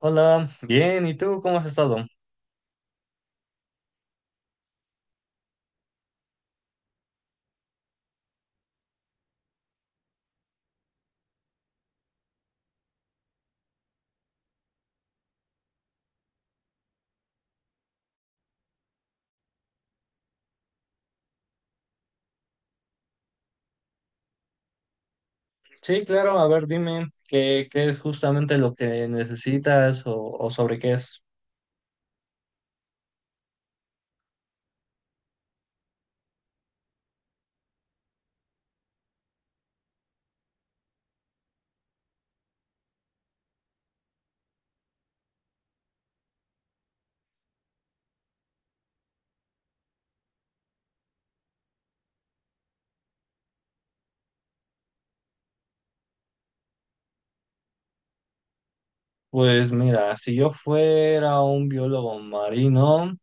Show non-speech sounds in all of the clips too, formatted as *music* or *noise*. Hola, bien, ¿y tú cómo has estado? Sí, claro, a ver, dime qué es justamente lo que necesitas o sobre qué es. Pues mira, si yo fuera un biólogo marino,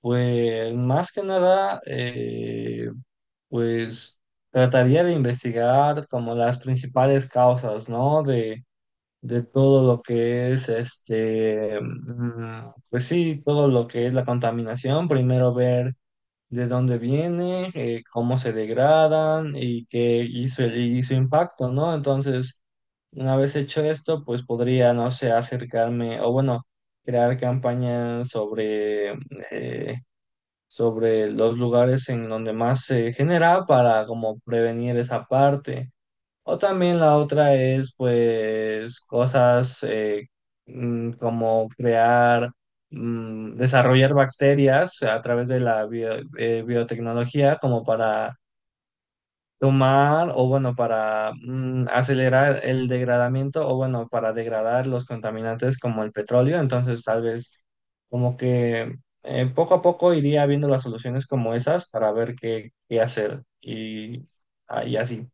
pues más que nada, pues trataría de investigar como las principales causas, ¿no? De todo lo que es este, mm, pues sí, todo lo que es la contaminación. Primero ver de dónde viene, cómo se degradan y qué hizo, y su impacto, ¿no? Entonces, una vez hecho esto, pues podría, no sé, acercarme o bueno, crear campañas sobre, eh, sobre los lugares en donde más se genera para como prevenir esa parte. O también la otra es, pues, cosas mm, como crear, mm, desarrollar bacterias a través de la biotecnología como para tomar o, bueno, para mm, acelerar el degradamiento o, bueno, para degradar los contaminantes como el petróleo. Entonces, tal vez como que poco a poco iría viendo las soluciones como esas para ver qué hacer y, ah, y así.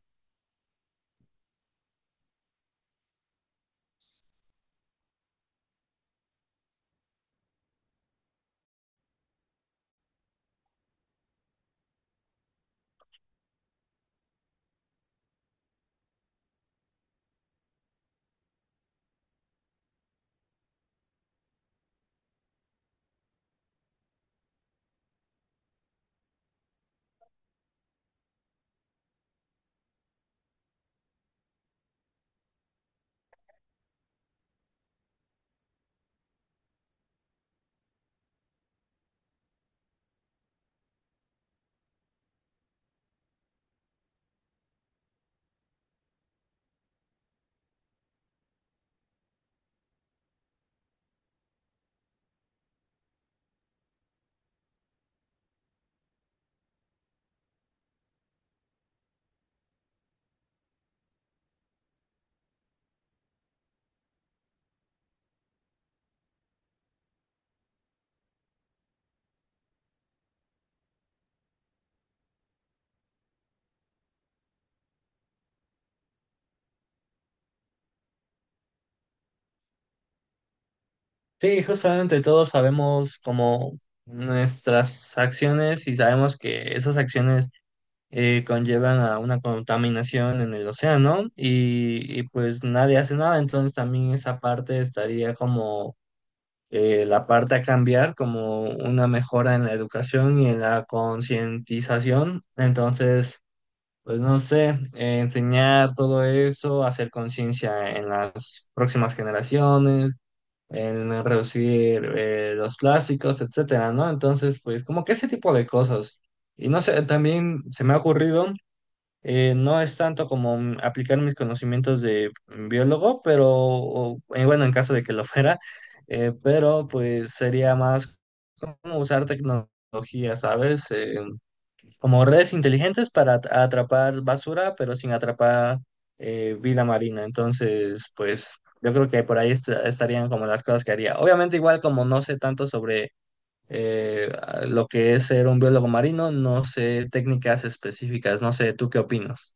Sí, justamente todos sabemos como nuestras acciones y sabemos que esas acciones conllevan a una contaminación en el océano y pues nadie hace nada, entonces también esa parte estaría como la parte a cambiar, como una mejora en la educación y en la concientización, entonces pues no sé, enseñar todo eso, hacer conciencia en las próximas generaciones en reducir los plásticos, etcétera, ¿no? Entonces, pues como que ese tipo de cosas. Y no sé, también se me ha ocurrido, no es tanto como mm, aplicar mis conocimientos de mm, biólogo, pero o, bueno, en caso de que lo *laughs* fuera, pero pues sería más como usar tecnología, ¿sabes? Como redes inteligentes para atrapar basura, pero sin atrapar vida marina. Entonces, pues yo creo que por ahí estarían como las cosas que haría. Obviamente, igual como no sé tanto sobre eh, lo que es ser un biólogo marino, no sé técnicas específicas, no sé, ¿tú qué opinas?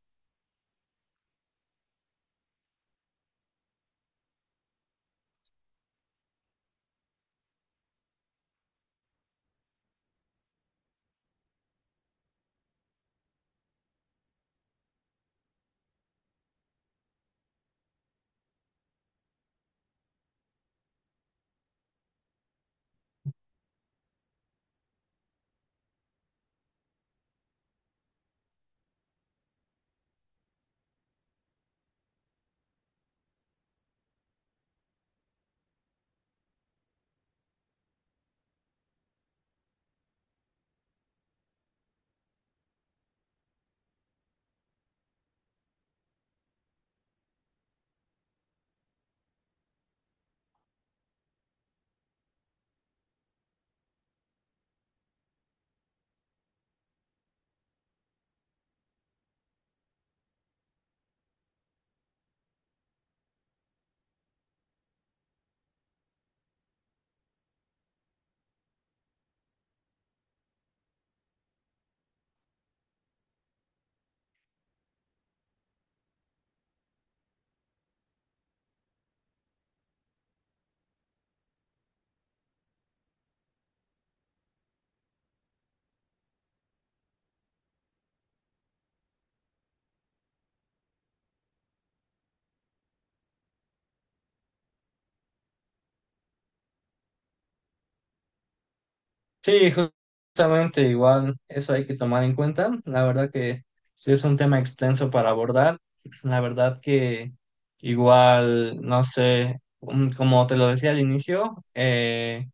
Sí, justamente igual eso hay que tomar en cuenta. La verdad que sí es un tema extenso para abordar. La verdad que igual, no sé, mm, como te lo decía al inicio,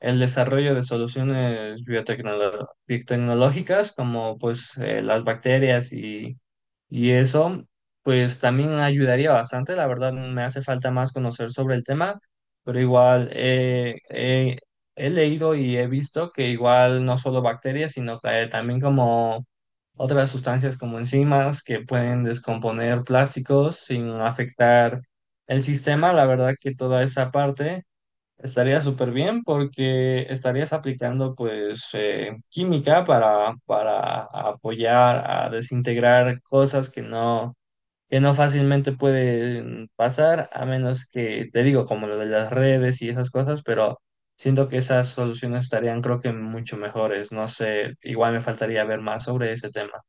el desarrollo de soluciones biotecnológicas como pues las bacterias y eso, pues también ayudaría bastante. La verdad me hace falta más conocer sobre el tema, pero igual... he leído y he visto que igual no solo bacterias, sino que también como otras sustancias como enzimas que pueden descomponer plásticos sin afectar el sistema. La verdad que toda esa parte estaría súper bien porque estarías aplicando pues química para apoyar a desintegrar cosas que no fácilmente pueden pasar, a menos que, te digo, como lo de las redes y esas cosas, pero siento que esas soluciones estarían, creo que, mucho mejores. No sé, igual me faltaría ver más sobre ese tema.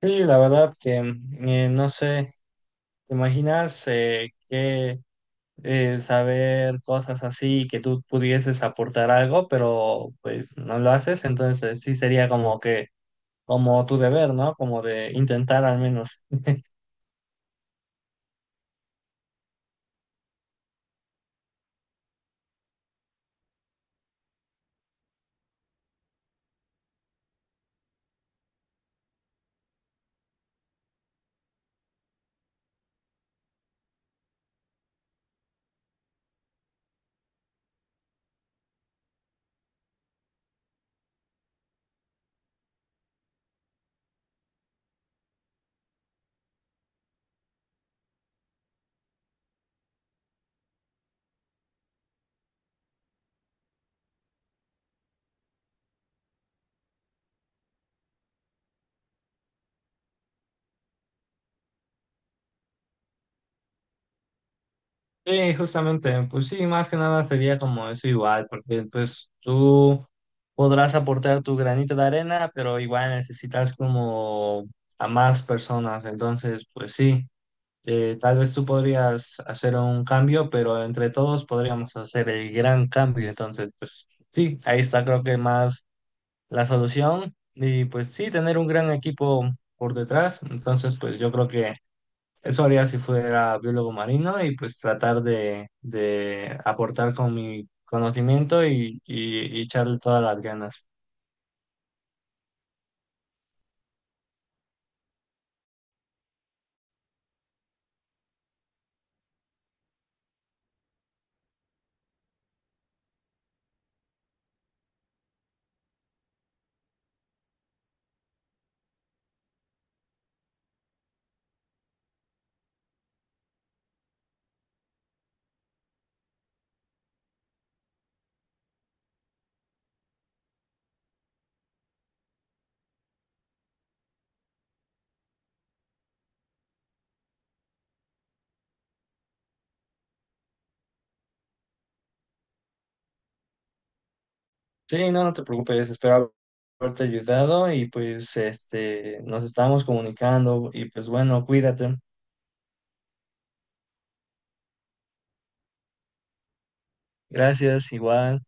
Sí, la verdad que, no sé, ¿te imaginas que saber cosas así, que tú pudieses aportar algo, pero pues no lo haces? Entonces sí sería como que, como tu deber, ¿no? Como de intentar al menos. Sí, justamente, pues sí, más que nada sería como eso igual, porque pues tú podrás aportar tu granito de arena, pero igual necesitas como a más personas, entonces pues sí, tal vez tú podrías hacer un cambio, pero entre todos podríamos hacer el gran cambio, entonces pues sí, ahí está creo que más la solución y pues sí, tener un gran equipo por detrás, entonces pues yo creo que... Eso haría si fuera biólogo marino y pues tratar de aportar con mi conocimiento y echarle todas las ganas. Sí, no, no te preocupes, espero haberte ayudado y pues este, nos estamos comunicando y pues bueno, cuídate. Gracias, igual.